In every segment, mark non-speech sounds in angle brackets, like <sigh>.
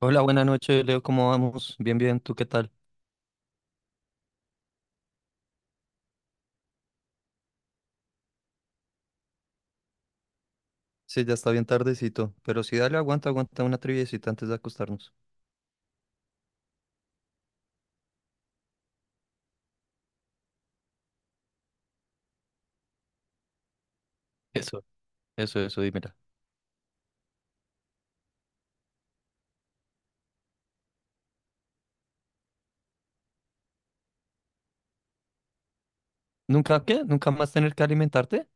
Hola, buenas noches, Leo, ¿cómo vamos? Bien, bien, ¿tú qué tal? Sí, ya está bien tardecito, pero sí, dale, aguanta, aguanta una triviecita antes de acostarnos. Eso, eso, dímela. ¿Nunca qué? ¿Nunca más tener que alimentarte?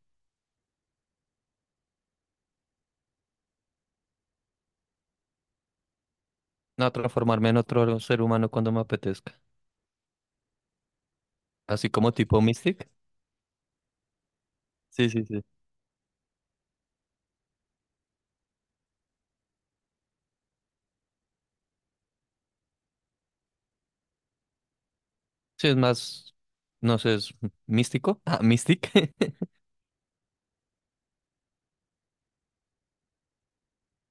No, transformarme en otro ser humano cuando me apetezca. Así como tipo Mystic. Sí, sí, sí. Sí, es más, no sé, es místico. Ah, Mystic. <laughs>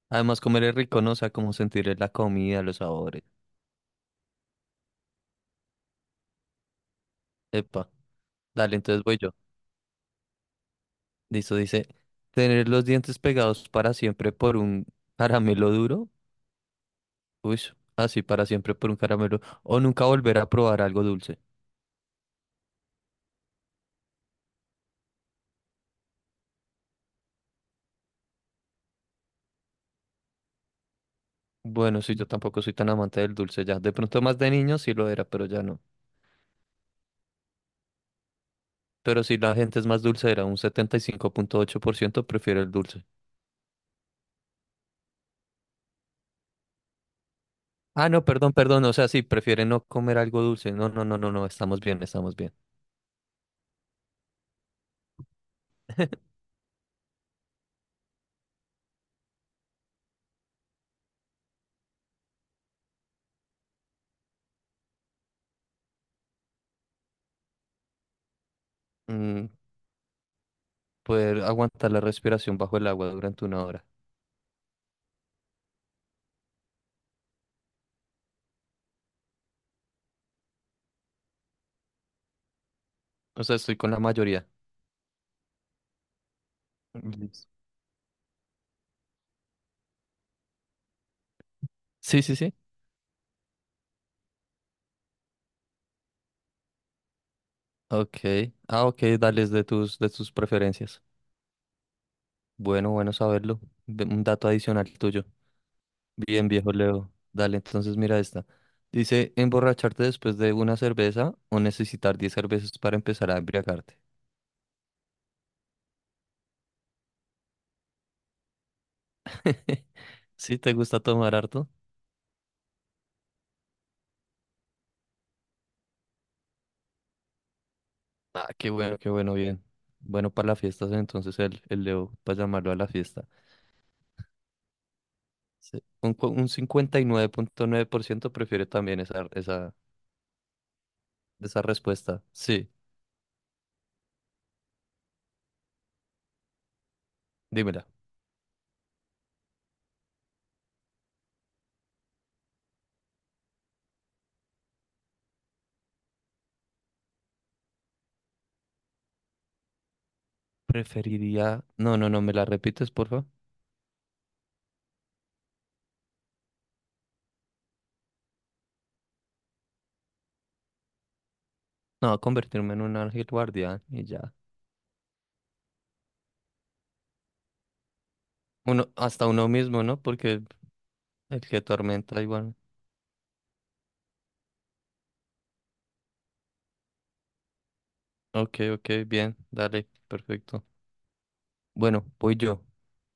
Además, comer es rico, ¿no? O sea, como sentir la comida, los sabores. Epa, dale, entonces voy yo. Listo, dice, tener los dientes pegados para siempre por un caramelo duro. Uy, así para siempre por un caramelo. O nunca volver a probar algo dulce. Bueno, sí, yo tampoco soy tan amante del dulce ya. De pronto más de niño sí lo era, pero ya no. Pero si la gente es más dulce, era un 75,8% prefiere el dulce. Ah, no, perdón, perdón. O sea, sí, prefiere no comer algo dulce. No, no, no, no, no, estamos bien, estamos bien. <laughs> Mm, poder aguantar la respiración bajo el agua durante una hora. O sea, estoy con la mayoría. Listo. Sí, sí, sí. Ok. Ah, ok, dale es de tus preferencias. Bueno, bueno saberlo. Un dato adicional tuyo. Bien, viejo Leo. Dale, entonces mira esta. Dice, emborracharte después de una cerveza o necesitar 10 cervezas para empezar a embriagarte. <laughs> ¿Sí te gusta tomar harto? Ah, qué bueno, bien. Bueno, para las fiestas entonces el Leo, para llamarlo a la fiesta. Sí. Un 59,9% prefiere también esa respuesta. Sí, dímela. Preferiría. No, no, no, ¿me la repites, porfa? No, convertirme en un ángel guardián y ya. Uno, hasta uno mismo, ¿no? Porque el que atormenta igual. Ok, ok, bien, dale, perfecto. Bueno, voy yo.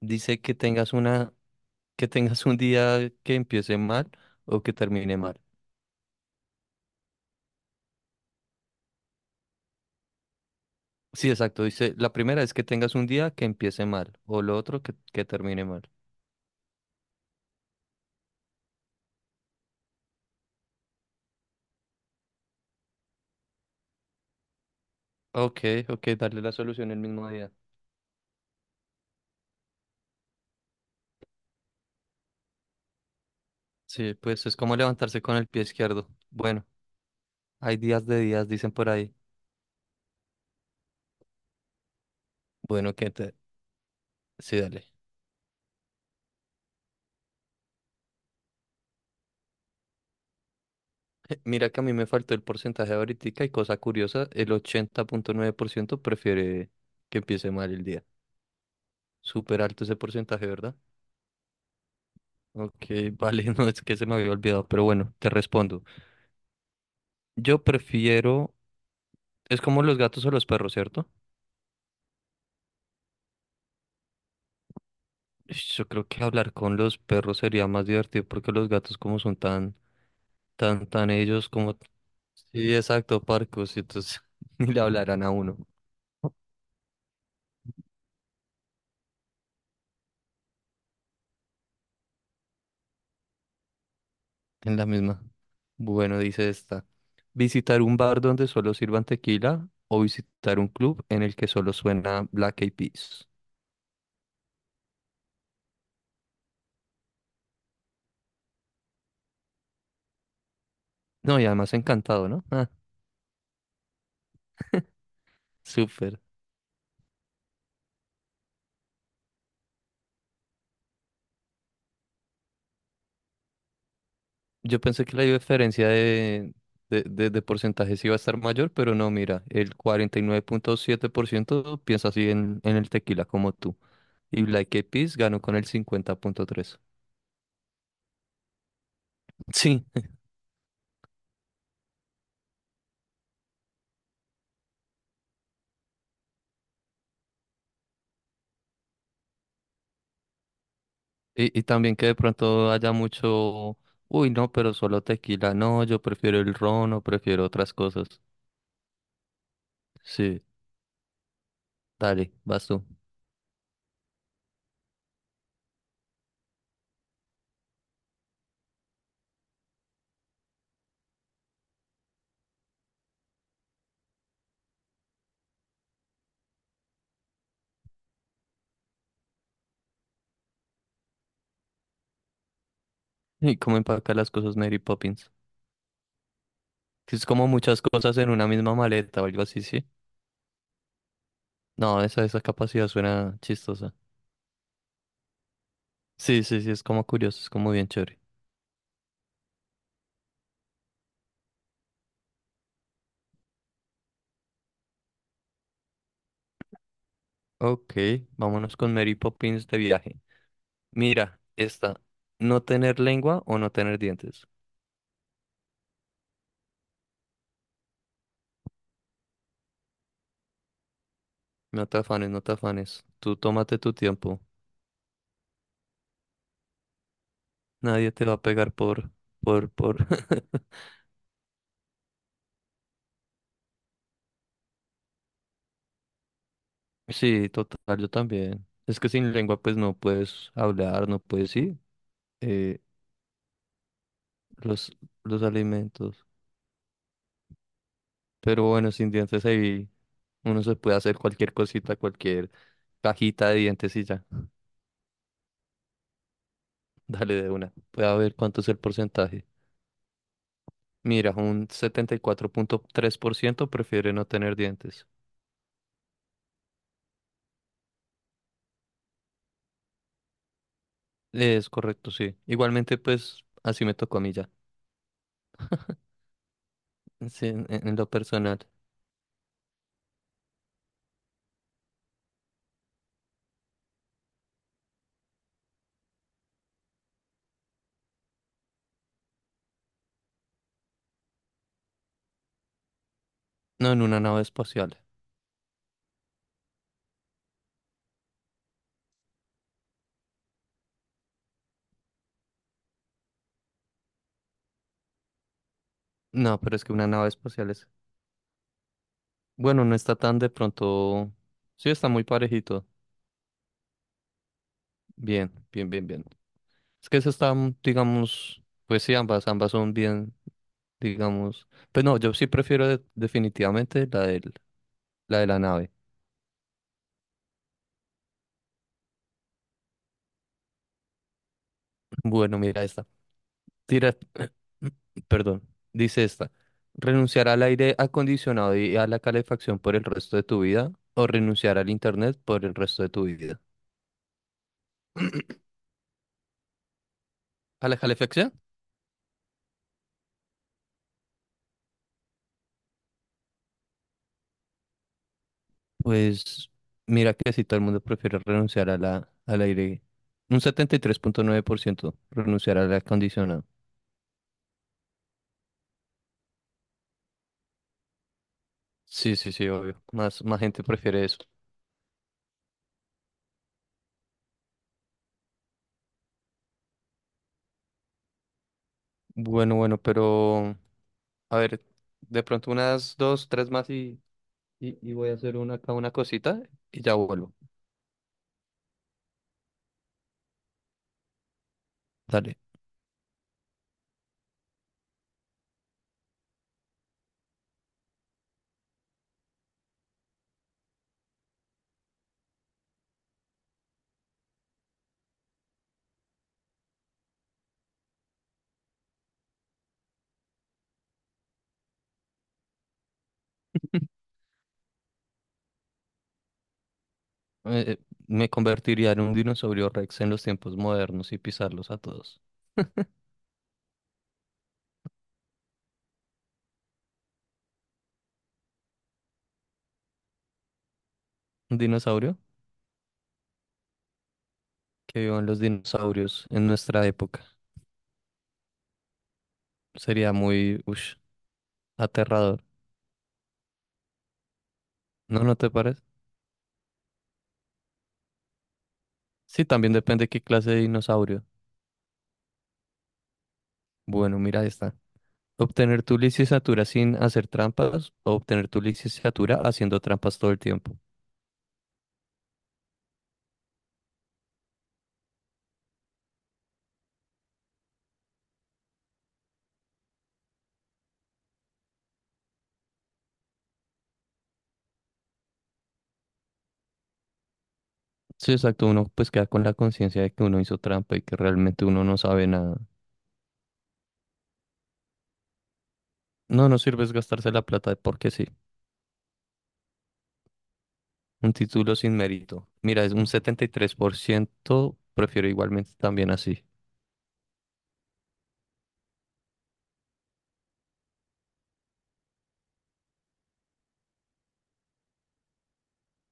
Dice que tengas un día que empiece mal o que termine mal. Sí, exacto. Dice, la primera es que tengas un día que empiece mal, o lo otro que termine mal. Ok, ok, darle la solución el mismo día. Sí, pues es como levantarse con el pie izquierdo. Bueno. Hay días de días, dicen por ahí. Bueno, que te... Sí, dale. <laughs> Mira que a mí me faltó el porcentaje ahorita y cosa curiosa, el 80,9% prefiere que empiece mal el día. Súper alto ese porcentaje, ¿verdad? Ok, vale, <laughs> no es que se me había olvidado, pero bueno, te respondo. Yo prefiero, es como los gatos o los perros, ¿cierto? Ish, yo creo que hablar con los perros sería más divertido porque los gatos como son tan, tan, tan ellos como... Sí, exacto, parcos, y entonces <laughs> ni le hablarán a uno. En la misma. Bueno, dice esta. Visitar un bar donde solo sirvan tequila o visitar un club en el que solo suena Black Eyed Peas. No, y además encantado, ¿no? Ah, súper. Yo pensé que la diferencia de porcentajes iba a estar mayor, pero no, mira, el 49,7% piensa así en el tequila como tú. Y Black Eyed Peas ganó con el 50,3%. Sí, y también que de pronto haya mucho, uy, no, pero solo tequila, no, yo prefiero el ron o prefiero otras cosas. Sí, dale, vas tú. <laughs> ¿Y cómo empacar las cosas Mary Poppins? Que es como muchas cosas en una misma maleta o algo así, ¿sí? No, esa capacidad suena chistosa. Sí, sí, sí, es como curioso, es como bien chévere. Ok, vámonos con Mary Poppins de viaje. Mira, esta, no tener lengua o no tener dientes. No te afanes, no te afanes. Tú tómate tu tiempo. Nadie te va a pegar por. <laughs> Sí, total, yo también. Es que sin lengua pues no puedes hablar, no puedes, sí, eh, los, los alimentos. Pero bueno, sin dientes ahí uno se puede hacer cualquier cosita, cualquier cajita de dientes y ya. <laughs> Dale de una. Voy a ver cuánto es el porcentaje. Mira, un 74,3% prefiere no tener dientes. Es correcto, sí. Igualmente pues así me tocó a mí ya, sí, en lo personal. No, en una nave espacial. No, pero es que una nave espacial es... Bueno, no está tan de pronto... Sí, está muy parejito. Bien, bien, bien, bien. Es que eso está, digamos... Pues sí, ambas, ambas son bien, digamos... Pero no, yo sí prefiero definitivamente la de la nave. Bueno, mira esta. Tira... <clears throat> Perdón. Dice esta. ¿Renunciar al aire acondicionado y a la calefacción por el resto de tu vida? ¿O renunciar al internet por el resto de tu vida? ¿A la calefacción? Pues mira que si todo el mundo prefiere renunciar al aire, un 73,9% renunciar al aire acondicionado. Sí, sí, sí, obvio. Más, más gente prefiere eso. Bueno, bueno, pero a ver, de pronto unas dos, tres más y voy a hacer acá una cosita y ya vuelvo. Dale. Eh, me convertiría en un dinosaurio Rex en los tiempos modernos y pisarlos a todos. Un dinosaurio que vivan los dinosaurios en nuestra época. Sería muy, ush, aterrador. ¿No, no te parece? Sí, también depende qué clase de dinosaurio. Bueno, mira esta. Obtener tu licenciatura sin hacer trampas o obtener tu licenciatura haciendo trampas todo el tiempo. Sí, exacto. Uno pues queda con la conciencia de que uno hizo trampa y que realmente uno no sabe nada. No, no sirve es gastarse la plata porque sí. Un título sin mérito. Mira, es un 73%, prefiero igualmente también así.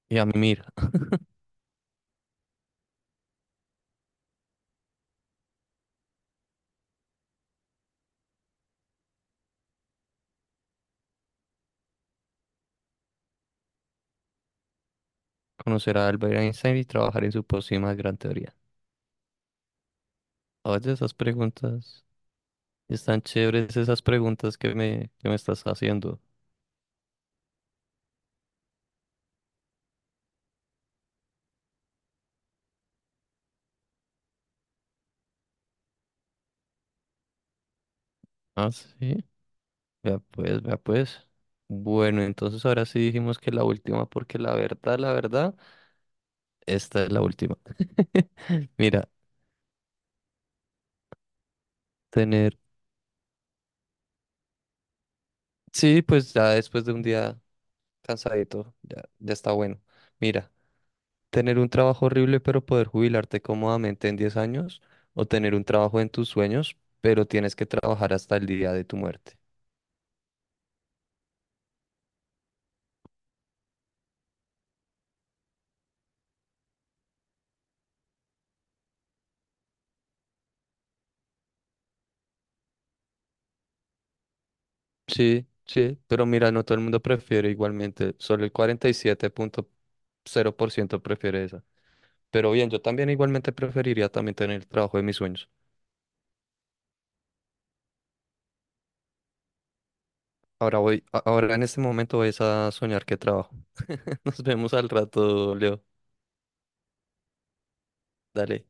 Y a mí, mira, conocer a Albert Einstein y trabajar en su próxima gran teoría. Oye, esas preguntas. Están chéveres esas preguntas que me estás haciendo. Ah, sí. Vea pues, vea pues. Bueno, entonces ahora sí dijimos que la última, porque la verdad, esta es la última. <laughs> Mira, tener. Sí, pues ya después de un día cansadito, ya, ya está bueno. Mira, tener un trabajo horrible, pero poder jubilarte cómodamente en 10 años, o tener un trabajo en tus sueños, pero tienes que trabajar hasta el día de tu muerte. Sí, sí, pero mira, no todo el mundo prefiere igualmente, solo el 47,0% prefiere esa. Pero bien, yo también igualmente preferiría también tener el trabajo de mis sueños. Ahora en este momento voy a soñar que trabajo. <laughs> Nos vemos al rato, Leo. Dale.